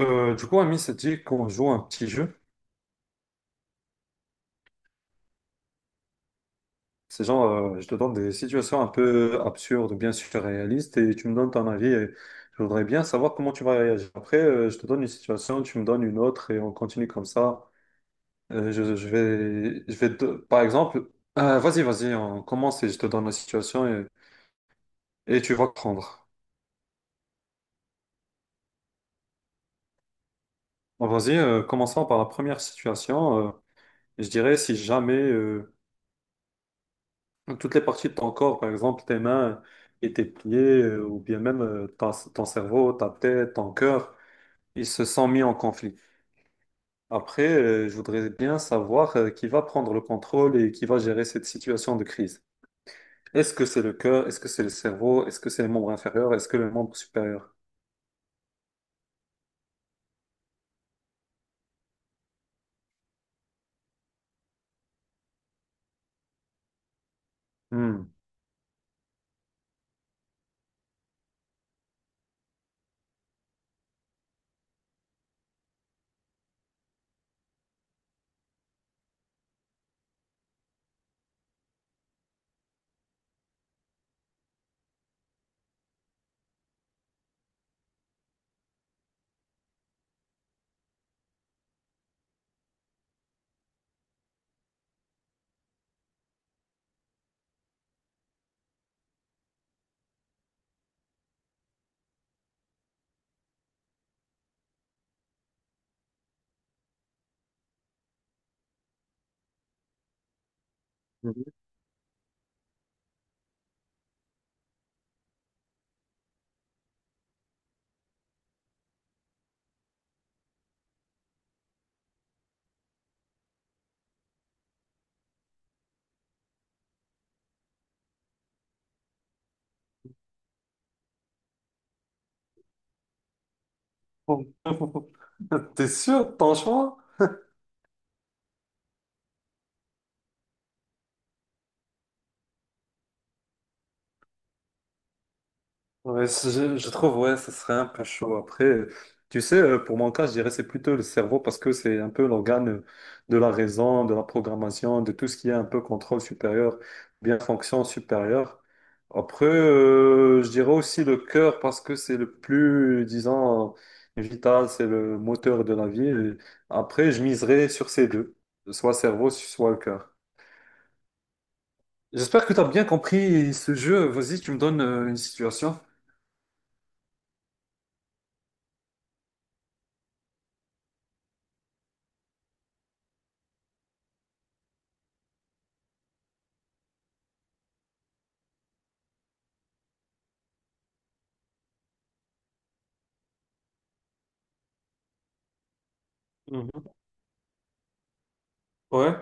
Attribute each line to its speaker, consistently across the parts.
Speaker 1: Ami, c'est dit qu'on joue un petit jeu. C'est genre, je te donne des situations un peu absurdes, bien sûr réalistes, et tu me donnes ton avis. Et je voudrais bien savoir comment tu vas réagir. Après, je te donne une situation, tu me donnes une autre, et on continue comme ça. Par exemple, vas-y, vas-y, on commence et je te donne la situation et tu vas prendre. Bon, vas-y, commençons par la première situation. Je dirais si jamais Donc, toutes les parties de ton corps, par exemple tes mains et tes pieds, ou bien même ton cerveau, ta tête, ton cœur, ils se sont mis en conflit. Après, je voudrais bien savoir qui va prendre le contrôle et qui va gérer cette situation de crise. Est-ce que c'est le cœur? Est-ce que c'est le cerveau? Est-ce que c'est les membres inférieurs? Est-ce que le membre supérieur? Hmm. T'es sûr de ton choix? Ouais, je trouve, ouais, ça serait un peu chaud. Après, tu sais, pour mon cas, je dirais c'est plutôt le cerveau parce que c'est un peu l'organe de la raison, de la programmation, de tout ce qui est un peu contrôle supérieur, bien fonction supérieure. Après, je dirais aussi le cœur parce que c'est le plus, disons, vital, c'est le moteur de la vie. Et après, je miserais sur ces deux, soit cerveau, soit le cœur. J'espère que tu as bien compris ce jeu. Vas-y, tu me donnes une situation. Mhm. Ouais.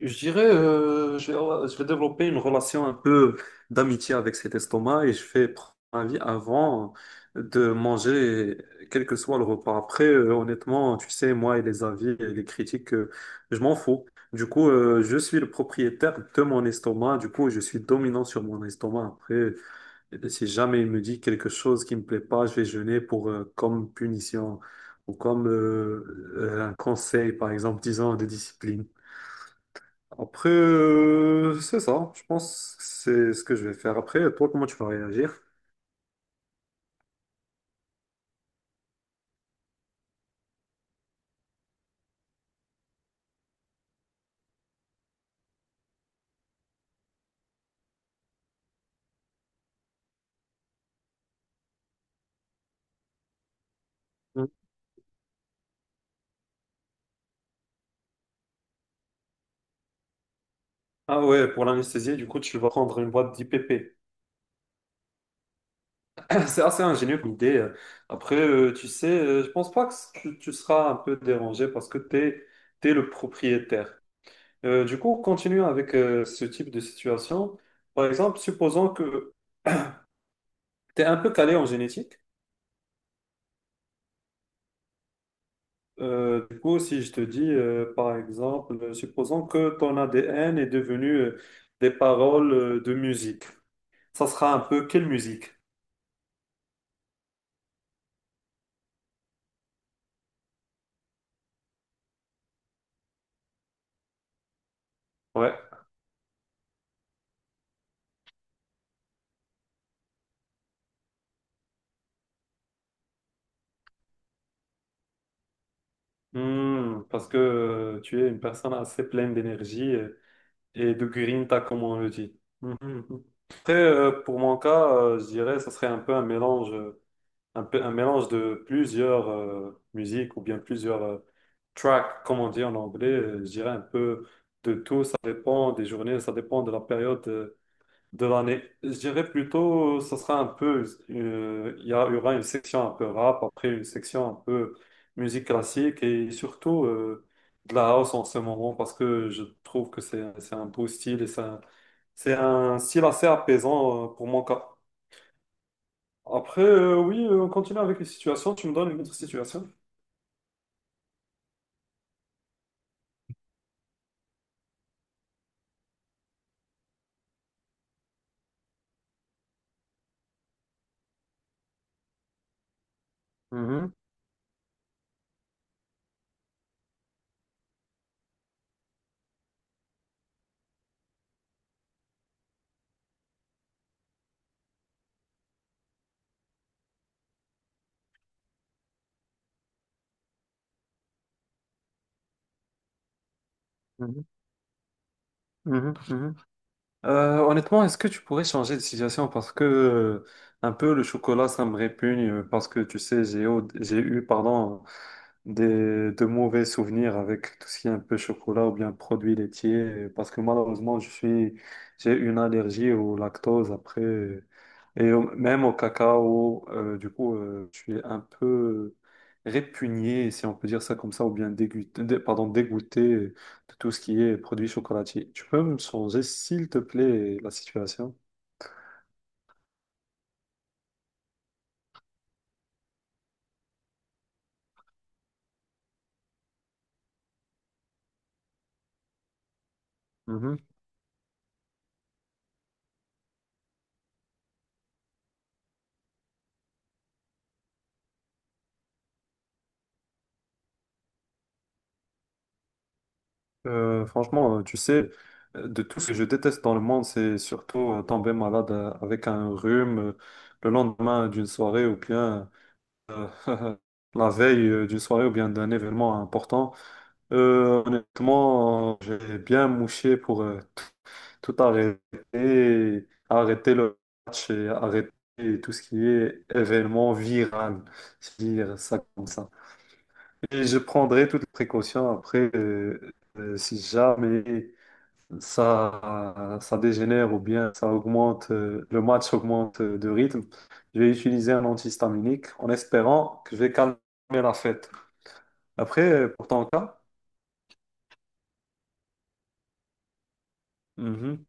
Speaker 1: Je dirais, je vais développer une relation un peu d'amitié avec cet estomac et je vais prendre un avis avant de manger, quel que soit le repas. Après, honnêtement, tu sais, moi et les avis et les critiques, je m'en fous. Du coup, je suis le propriétaire de mon estomac. Du coup, je suis dominant sur mon estomac. Après, si jamais il me dit quelque chose qui me plaît pas, je vais jeûner pour, comme punition ou comme un conseil, par exemple, disant de discipline. Après, c'est ça. Je pense que c'est ce que je vais faire après. Toi, comment tu vas réagir? Mm. Ah ouais, pour l'anesthésier, du coup, tu vas prendre une boîte d'IPP. C'est assez ingénieux comme idée. Après, tu sais, je pense pas que tu seras un peu dérangé parce que t'es le propriétaire. Du coup, continue avec ce type de situation. Par exemple, supposons que tu es un peu calé en génétique. Du coup, si je te dis, par exemple, supposons que ton ADN est devenu des paroles de musique, ça sera un peu quelle musique? Ouais. Hmm, parce que tu es une personne assez pleine d'énergie et de grinta, comme on le dit. Mhm, mhm. Après, pour mon cas, je dirais, ça serait un peu un mélange. Un peu un mélange de plusieurs musiques ou bien plusieurs tracks, comme on dit en anglais. Je dirais un peu de tout. Ça dépend des journées, ça dépend de la période de l'année. Je dirais plutôt, ça sera un peu, il y aura une section un peu rap, après une section un peu musique classique et surtout de la house en ce moment parce que je trouve que c'est un beau style et c'est un style assez apaisant pour mon cas. Après, oui, on continue avec les situations. Tu me donnes une autre situation. Mhm, mhm, mhm, mhm. Honnêtement, est-ce que tu pourrais changer de situation? Parce que un peu le chocolat, ça me répugne parce que tu sais, j'ai eu pardon, de mauvais souvenirs avec tout ce qui est un peu chocolat ou bien produits laitiers, parce que malheureusement, j'ai une allergie au lactose après, même au cacao, du coup, je suis un peu répugné, si on peut dire ça comme ça, ou bien dégoûté, pardon, dégoûté de tout ce qui est produits chocolatiers. Tu peux me changer, s'il te plaît, la situation? Franchement, tu sais, de tout ce que je déteste dans le monde, c'est surtout tomber malade avec un rhume le lendemain d'une soirée ou bien euh, la veille d'une soirée ou bien d'un événement important. Honnêtement, j'ai bien mouché pour tout arrêter, arrêter le match et arrêter tout ce qui est événement viral, si je veux dire ça comme ça. Et je prendrai toutes les précautions après si jamais ça dégénère ou bien ça augmente, le match augmente de rythme, je vais utiliser un antihistaminique en espérant que je vais calmer la fête. Après, pour ton cas, mhm,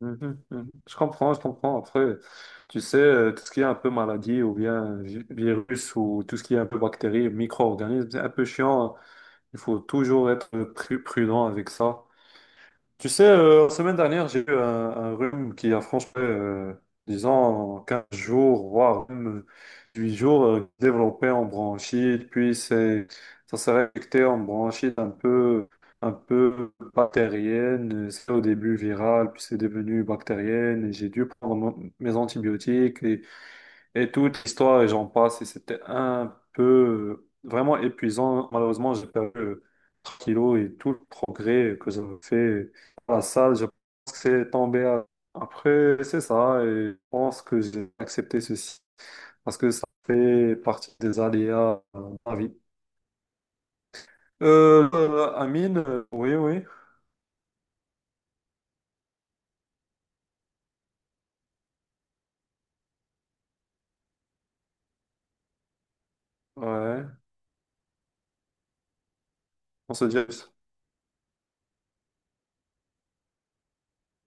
Speaker 1: mhm, mhm. Je comprends, je comprends. Après, tu sais, tout ce qui est un peu maladie ou bien virus ou tout ce qui est un peu bactéries, micro-organismes, c'est un peu chiant, hein. Il faut toujours être prudent avec ça. Tu sais, la semaine dernière, j'ai eu un rhume qui a franchement, disons, 15 jours, voire même 8 jours, développé en bronchite, ça s'est réflecté en bronchite un peu bactérienne. C'est au début viral, puis c'est devenu bactérienne, et j'ai dû prendre mes antibiotiques. Et toute l'histoire, et j'en passe, et c'était un peu vraiment épuisant. Malheureusement, j'ai perdu 3 kilos et tout le progrès que j'avais fait à la salle, je pense que c'est tombé à- Après, c'est ça, et je pense que j'ai accepté ceci parce que ça fait partie des aléas de la vie. Amine, oui, oui, ouais, on se dit.